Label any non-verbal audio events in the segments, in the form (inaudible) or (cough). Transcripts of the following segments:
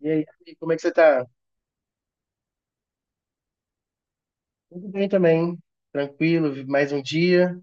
E aí, amigo, como é que você tá? Tudo bem também, tranquilo, mais um dia.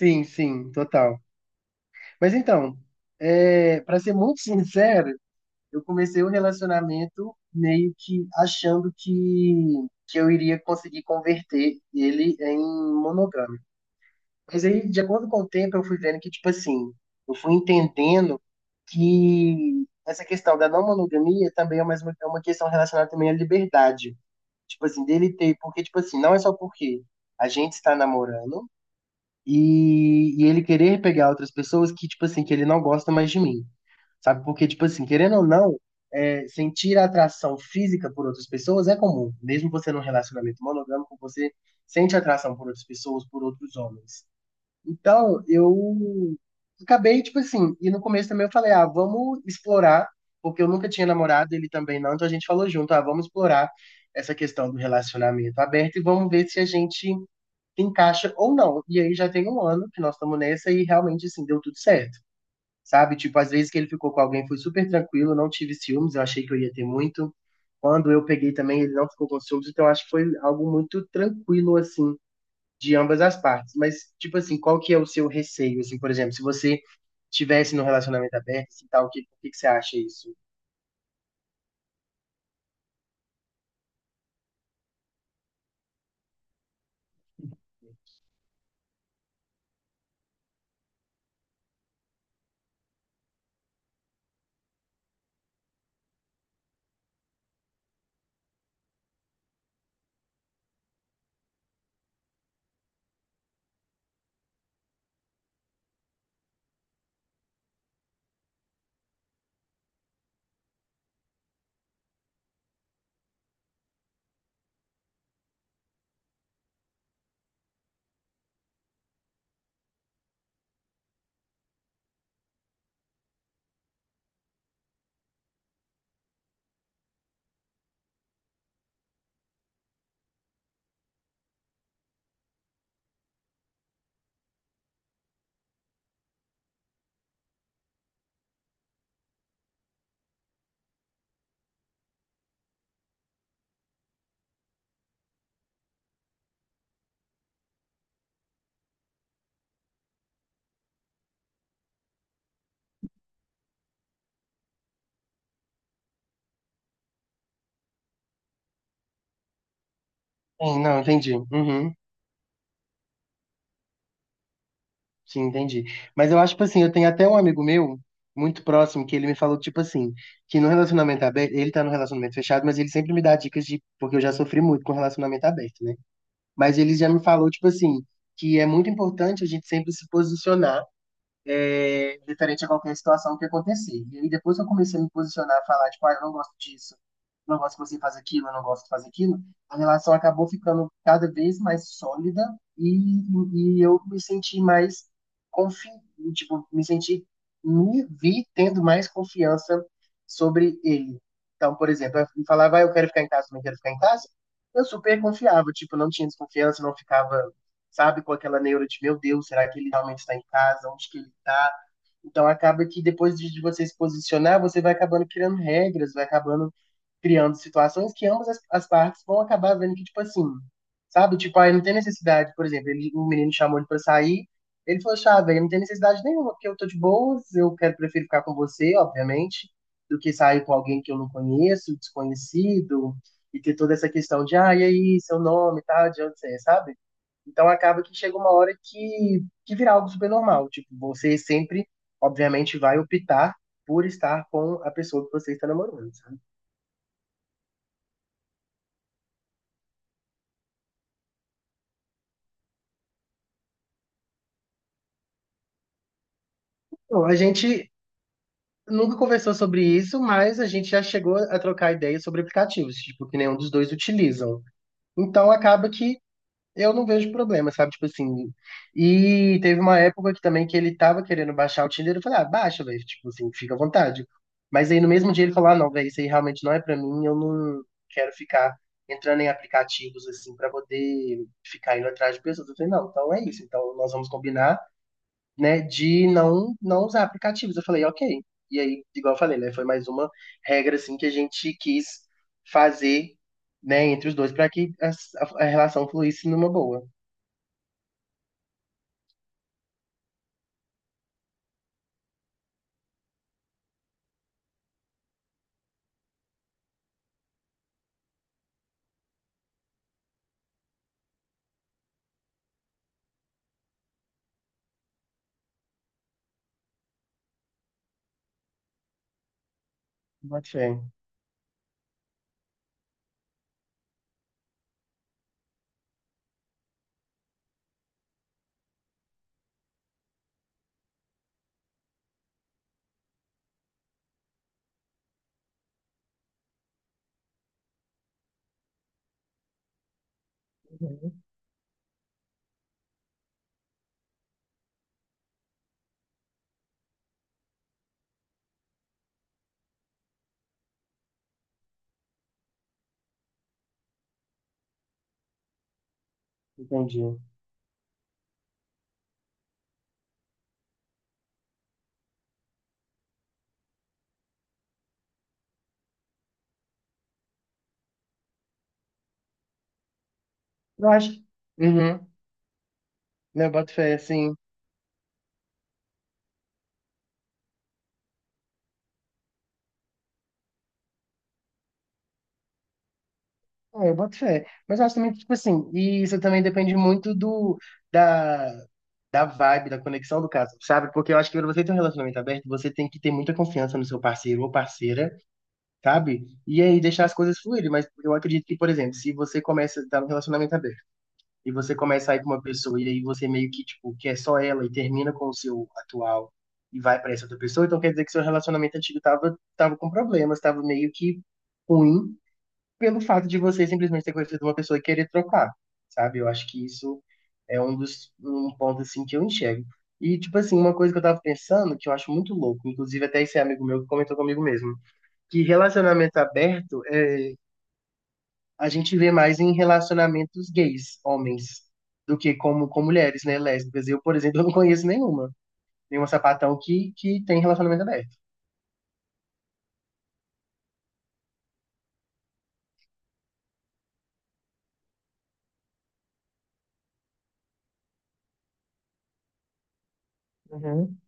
Sim, sim, total. Mas então, para ser muito (laughs) sincero, eu comecei o relacionamento meio que achando que eu iria conseguir converter ele em monogâmico. Mas aí, de acordo com o tempo, eu fui vendo que, tipo assim, eu fui entendendo que essa questão da não monogamia também é é uma questão relacionada também à liberdade. Tipo assim, dele ter. Porque, tipo assim, não é só porque a gente está namorando e ele querer pegar outras pessoas que, tipo assim, que ele não gosta mais de mim. Sabe? Porque, tipo assim, querendo ou não, sentir atração física por outras pessoas é comum. Mesmo você num relacionamento monogâmico, você sente atração por outras pessoas, por outros homens. Então, eu acabei, tipo assim, e no começo também eu falei, ah, vamos explorar, porque eu nunca tinha namorado, ele também não, então a gente falou junto, ah, vamos explorar essa questão do relacionamento aberto e vamos ver se a gente encaixa ou não. E aí já tem um ano que nós estamos nessa e realmente, assim, deu tudo certo, sabe? Tipo, às vezes que ele ficou com alguém foi super tranquilo, não tive ciúmes, eu achei que eu ia ter muito. Quando eu peguei também, ele não ficou com ciúmes, então acho que foi algo muito tranquilo, assim, de ambas as partes. Mas, tipo assim, qual que é o seu receio, assim, por exemplo, se você tivesse no relacionamento aberto e tal, o o que que você acha isso? Sim, não, entendi. Uhum, sim, entendi. Mas eu acho, tipo assim, eu tenho até um amigo meu, muito próximo, que ele me falou, tipo assim, que no relacionamento aberto, ele tá no relacionamento fechado, mas ele sempre me dá dicas de, porque eu já sofri muito com relacionamento aberto, né? Mas ele já me falou, tipo assim, que é muito importante a gente sempre se posicionar diferente a qualquer situação que acontecer. E aí depois que eu comecei a me posicionar, a falar, tipo, ah, eu não gosto disso, não gosto que você faz aquilo, eu não gosto de fazer aquilo, a relação acabou ficando cada vez mais sólida e, e eu me senti mais confiante, tipo, me senti, me vi tendo mais confiança sobre ele. Então, por exemplo, eu falava, ah, eu quero ficar em casa, não quero ficar em casa, eu super confiava, tipo, não tinha desconfiança, não ficava, sabe, com aquela neura de, meu Deus, será que ele realmente está em casa, onde que ele está, então acaba que depois de você se posicionar, você vai acabando criando regras, vai acabando criando situações que ambas as partes vão acabar vendo que, tipo assim, sabe? Tipo, aí não tem necessidade, por exemplo, ele, um menino chamou ele pra sair, ele falou, chá, velho, não tem necessidade nenhuma, porque eu tô de boas, eu quero, prefiro ficar com você, obviamente, do que sair com alguém que eu não conheço, desconhecido, e ter toda essa questão de, ah, e aí, seu nome e tal, de onde você é, sabe? Então acaba que chega uma hora que vira algo super normal, tipo, você sempre, obviamente, vai optar por estar com a pessoa que você está namorando. Bom, a gente nunca conversou sobre isso, mas a gente já chegou a trocar ideias sobre aplicativos, tipo, que nenhum dos dois utilizam. Então acaba que eu não vejo problema, sabe? Tipo assim. E teve uma época aqui também que ele tava querendo baixar o Tinder, eu falei, ah, baixa, velho, tipo assim, fica à vontade. Mas aí no mesmo dia ele falou, ah, não, velho, isso aí realmente não é pra mim, eu não quero ficar entrando em aplicativos assim pra poder ficar indo atrás de pessoas. Eu falei, não, então é isso, então nós vamos combinar, né, de não usar aplicativos. Eu falei, ok. E aí, igual eu falei, né, foi mais uma regra assim que a gente quis fazer, né, entre os dois para que a relação fluísse numa boa. Boto fé. Uhum. Entendi. Eu acho. Uhum. Né, eu boto fé, assim. É, eu boto fé. Mas eu acho também que, tipo assim, e isso também depende muito do, da, da vibe, da conexão do caso, sabe? Porque eu acho que pra você ter um relacionamento aberto, você tem que ter muita confiança no seu parceiro ou parceira, sabe? E aí deixar as coisas fluírem, mas eu acredito que, por exemplo, se você começa a estar num relacionamento aberto e você começa a ir com uma pessoa e aí você meio que, tipo, quer só ela e termina com o seu atual e vai pra essa outra pessoa, então quer dizer que seu relacionamento antigo tava, tava com problemas, tava meio que ruim pelo fato de você simplesmente ter conhecido uma pessoa e querer trocar, sabe? Eu acho que isso é um dos um ponto assim que eu enxergo. E tipo assim, uma coisa que eu tava pensando, que eu acho muito louco, inclusive até esse amigo meu que comentou comigo mesmo que relacionamento aberto a gente vê mais em relacionamentos gays, homens, do que como com mulheres, né, lésbicas. Eu, por exemplo, (laughs) eu não conheço nenhuma, nenhuma sapatão que tem relacionamento aberto. Uhum.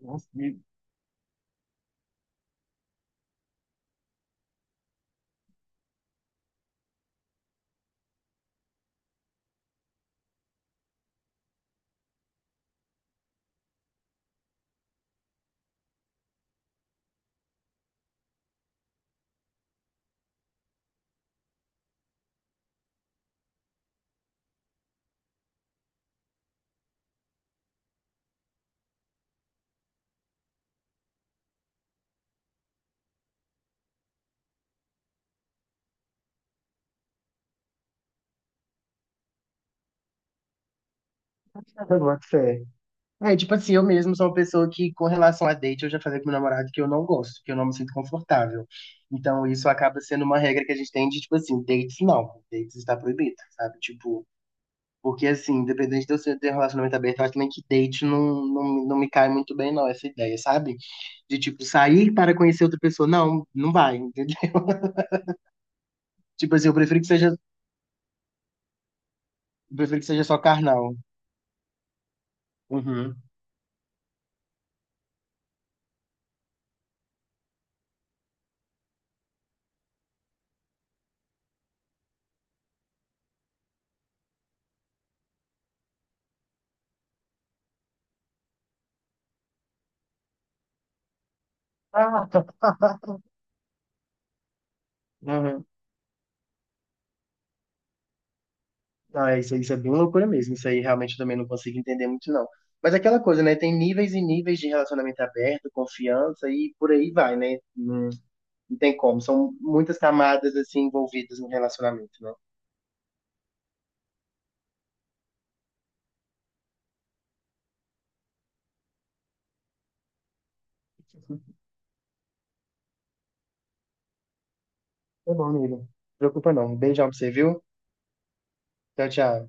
Nossa, eu boto fé. É, tipo assim, eu mesmo sou uma pessoa que, com relação a date, eu já falei com meu namorado que eu não gosto, que eu não me sinto confortável. Então, isso acaba sendo uma regra que a gente tem de, tipo assim, dates não, dates está proibido, sabe? Tipo, porque, assim, independente de você ter um relacionamento aberto, eu acho também que date não me cai muito bem, não, essa ideia, sabe? De, tipo, sair para conhecer outra pessoa. Não, não vai, entendeu? (laughs) Tipo assim, eu prefiro que seja, eu prefiro que seja só carnal. Uhum. Ah, (laughs) uhum. Ah, isso, isso é bem loucura mesmo. Isso aí realmente eu também não consigo entender muito, não. Mas é aquela coisa, né? Tem níveis e níveis de relacionamento aberto, confiança e por aí vai, né? Não, não tem como. São muitas camadas, assim, envolvidas no relacionamento, né? Tá bom, amigo. Não preocupa não. Beijão pra você, viu? Tchau, tchau.